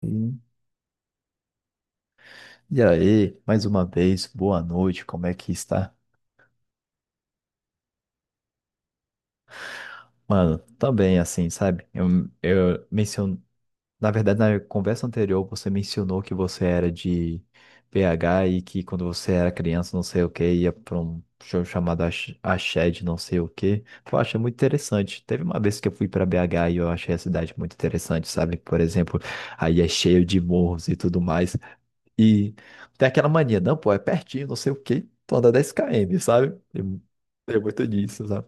Sim. E aí, mais uma vez, boa noite, como é que está? Mano, também assim, sabe? Eu menciono, na verdade, na conversa anterior, você mencionou que você era de BH e que quando você era criança, não sei o que, ia para um show chamado Ashed, não sei o que. Eu achei muito interessante. Teve uma vez que eu fui para BH e eu achei a cidade muito interessante, sabe? Por exemplo, aí é cheio de morros e tudo mais. E tem aquela mania, não, pô, é pertinho, não sei o quê, tu anda 10 km, sabe? Tem muito disso, sabe?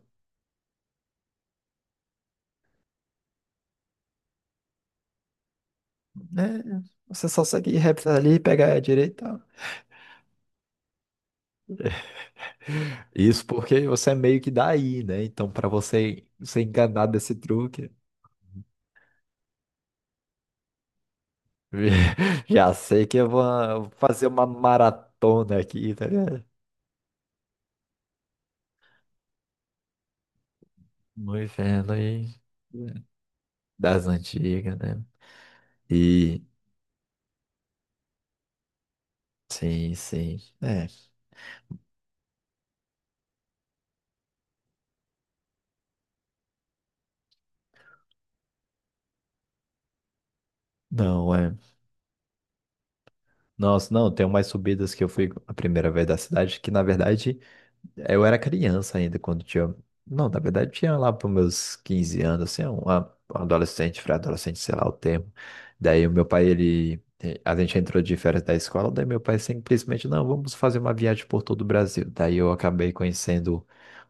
É, você só segue reto ali, pega a direita. Isso porque você é meio que daí, né? Então, pra você ser enganado desse truque, já sei que eu vou fazer uma maratona aqui, tá ligado? No inferno aí, né? Das antigas, né? E, sim, sim, é. Não, é. Nossa, não, tem umas subidas que eu fui a primeira vez da cidade, que na verdade eu era criança ainda quando tinha. Não, na verdade tinha lá para meus 15 anos, assim, um adolescente, pré-adolescente, sei lá o termo. Daí o meu pai, ele. A gente entrou de férias da escola, daí meu pai simplesmente, não, vamos fazer uma viagem por todo o Brasil. Daí eu acabei conhecendo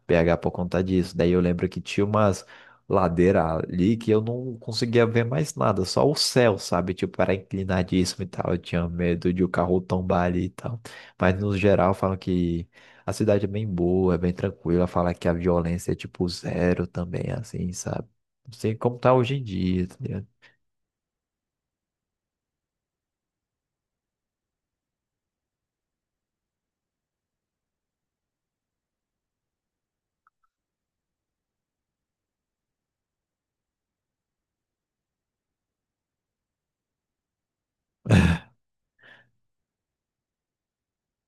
BH por conta disso. Daí eu lembro que tinha umas ladeiras ali que eu não conseguia ver mais nada, só o céu, sabe? Tipo, era inclinadíssimo e tal. Eu tinha medo de o carro tombar ali e tal. Mas no geral falam que a cidade é bem boa, é bem tranquila. Fala que a violência é tipo zero também, assim, sabe? Não sei como tá hoje em dia, tá ligado?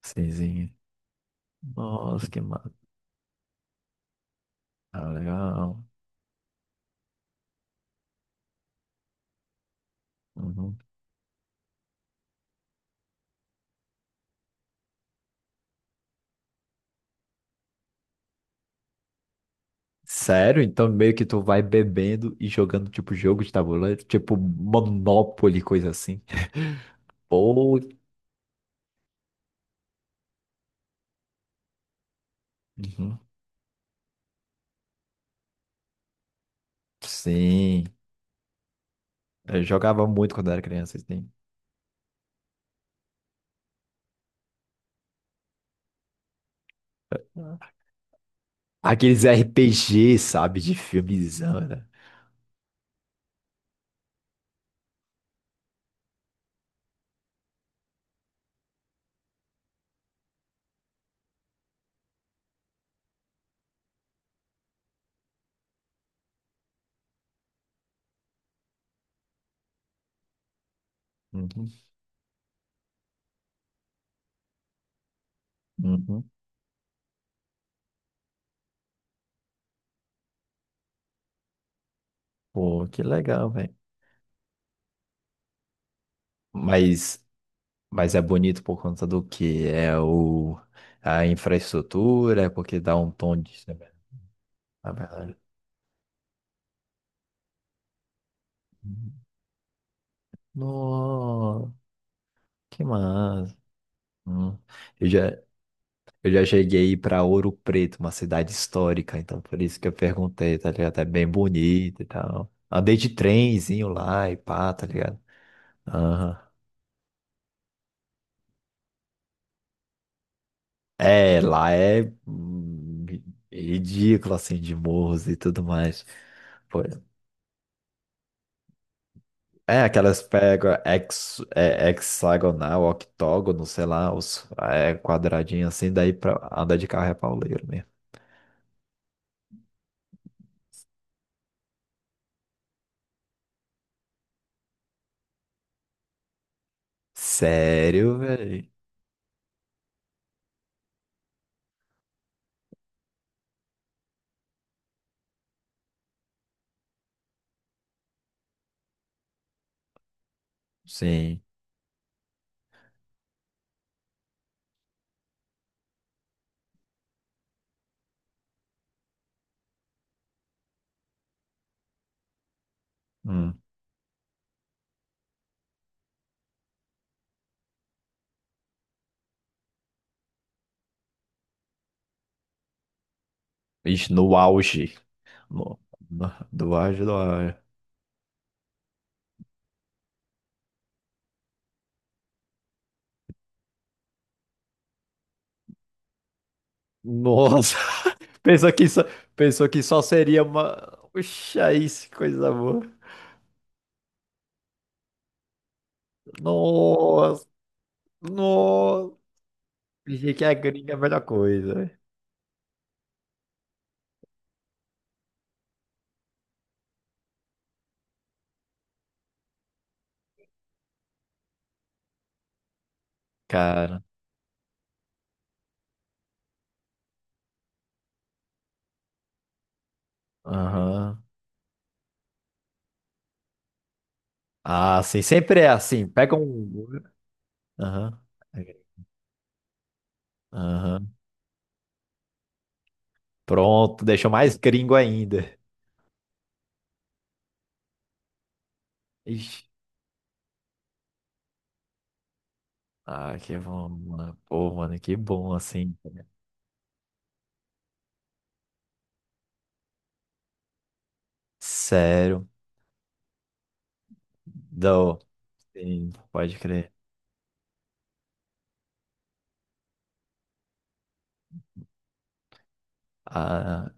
Sim, sim. Nossa, que mano. Ah, legal. Uhum. Sério? Então meio que tu vai bebendo e jogando tipo jogo de tabuleiro, tipo Monopoly, coisa assim. Pô. Uhum. Sim. Eu jogava muito quando era criança, assim. Aqueles RPG, sabe? De filmezão, né? Uhum. Uhum. Pô, que legal. Mas, mas é bonito por conta do que? É o, a infraestrutura, é porque dá um tom de. Na verdade. Nossa, que massa. Hum. Eu já, eu já cheguei para Ouro Preto, uma cidade histórica, então por isso que eu perguntei, tá ligado? É bem bonito e tal. Andei de trenzinho lá e pá, tá ligado? Aham. É, lá é ridículo assim de morros e tudo mais. É, aquelas pega hex, é, hexagonal, octógono, sei lá, os é, quadradinho assim, daí pra andar de carro é pauleiro mesmo. Sério, velho? Sim. Hum. Ixi, no auge. No, no, do auge, do auge. Nossa! Pensou que só, pensou que só seria uma. Oxa, aí, que coisa boa. Nossa! Nossa! Pensei que a gringa é a melhor coisa, velho. Cara. Aham. Ah, sim, sempre é assim. Pega um. Aham. Aham. Pronto, deixou mais gringo ainda. Ixi. Ah, que bom, mano. Pô, mano, que bom, assim. Sério. Não. Sim, pode crer. Ah,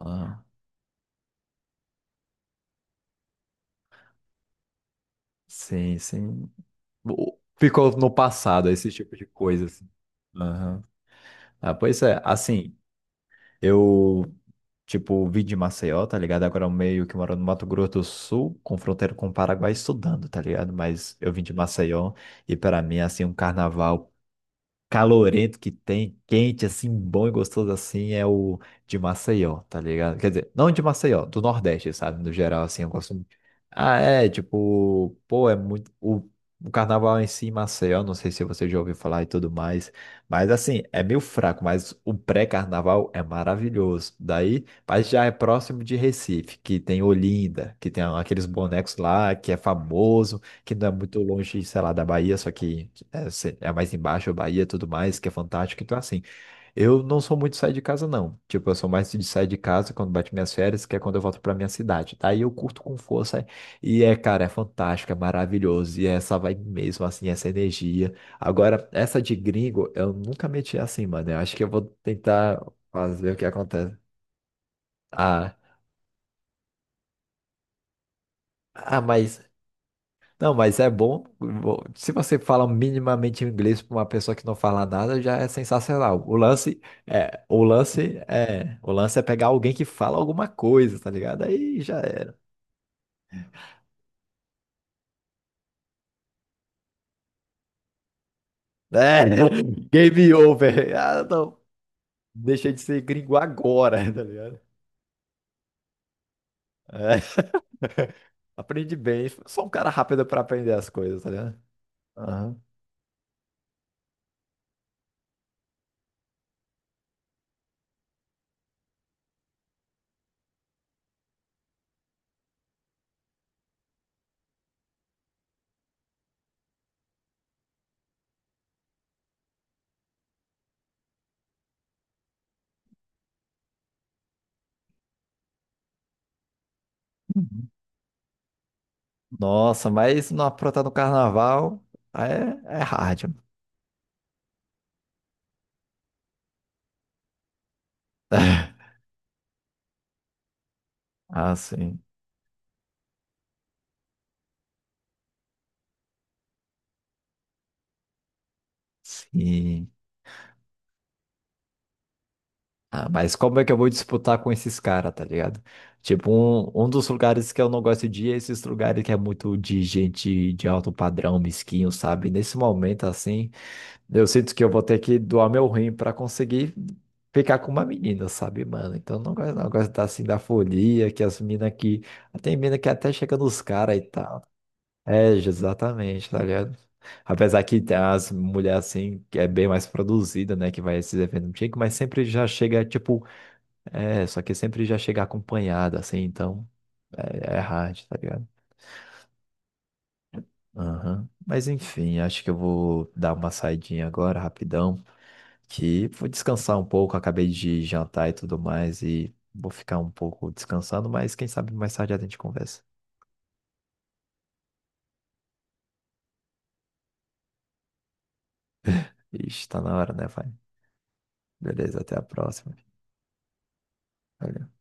ah, sim, sim. Ficou no passado, esse tipo de coisa, assim. Aham. Ah, pois é, assim, eu Tipo, vim de Maceió, tá ligado? Agora eu meio que moro no Mato Grosso do Sul, com fronteira com o Paraguai, estudando, tá ligado? Mas eu vim de Maceió e para mim, assim, um carnaval calorento que tem, quente, assim, bom e gostoso assim, é o de Maceió, tá ligado? Quer dizer, não de Maceió, do Nordeste, sabe? No geral, assim, eu gosto muito. Ah, é, tipo, pô, é muito. O carnaval em si, em Maceió, não sei se você já ouviu falar e tudo mais, mas assim, é meio fraco, mas o pré-carnaval é maravilhoso. Daí, mas já é próximo de Recife, que tem Olinda, que tem aqueles bonecos lá, que é famoso, que não é muito longe, sei lá, da Bahia, só que é, é mais embaixo, Bahia e tudo mais, que é fantástico. Então, assim, eu não sou muito de sair de casa, não. Tipo, eu sou mais de sair de casa quando bate minhas férias, que é quando eu volto pra minha cidade. Daí eu curto com força e é, cara, é fantástico, é maravilhoso. E é essa vibe mesmo, assim, essa energia. Agora, essa de gringo, eu nunca meti assim, mano. Eu acho que eu vou tentar fazer o que acontece. Ah, ah, mas. Não, mas é bom. Se você fala minimamente inglês para uma pessoa que não fala nada, já é sensacional. O lance é, o lance é, o lance é pegar alguém que fala alguma coisa, tá ligado? Aí já era. É, game over. Ah, não, deixei de ser gringo agora, tá ligado? É. Aprendi bem. Sou um cara rápido para aprender as coisas, tá ligado? Aham. Uhum. Nossa, mas não aprontar no carnaval é hard. Ah, sim. Sim. Ah, mas como é que eu vou disputar com esses caras, tá ligado? Tipo, um dos lugares que eu não gosto de ir é esses lugares que é muito de gente de alto padrão, mesquinho, sabe? Nesse momento, assim, eu sinto que eu vou ter que doar meu rim pra conseguir ficar com uma menina, sabe, mano? Então, eu não gosto, não eu gosto da, assim, da folia, que as minas que... Tem mina que até chega nos caras e tal. É, exatamente, tá ligado? Apesar que tem as mulheres assim, que é bem mais produzida, né? Que vai a esses eventos antigos, mas sempre já chega, tipo, é, só que sempre já chega acompanhado, assim, então é hard, tá ligado? Aham. Mas enfim, acho que eu vou dar uma saidinha agora, rapidão, que vou descansar um pouco, acabei de jantar e tudo mais, e vou ficar um pouco descansando, mas quem sabe mais tarde a gente conversa. Ixi, tá na hora, né, vai? Beleza, até a próxima. Valeu.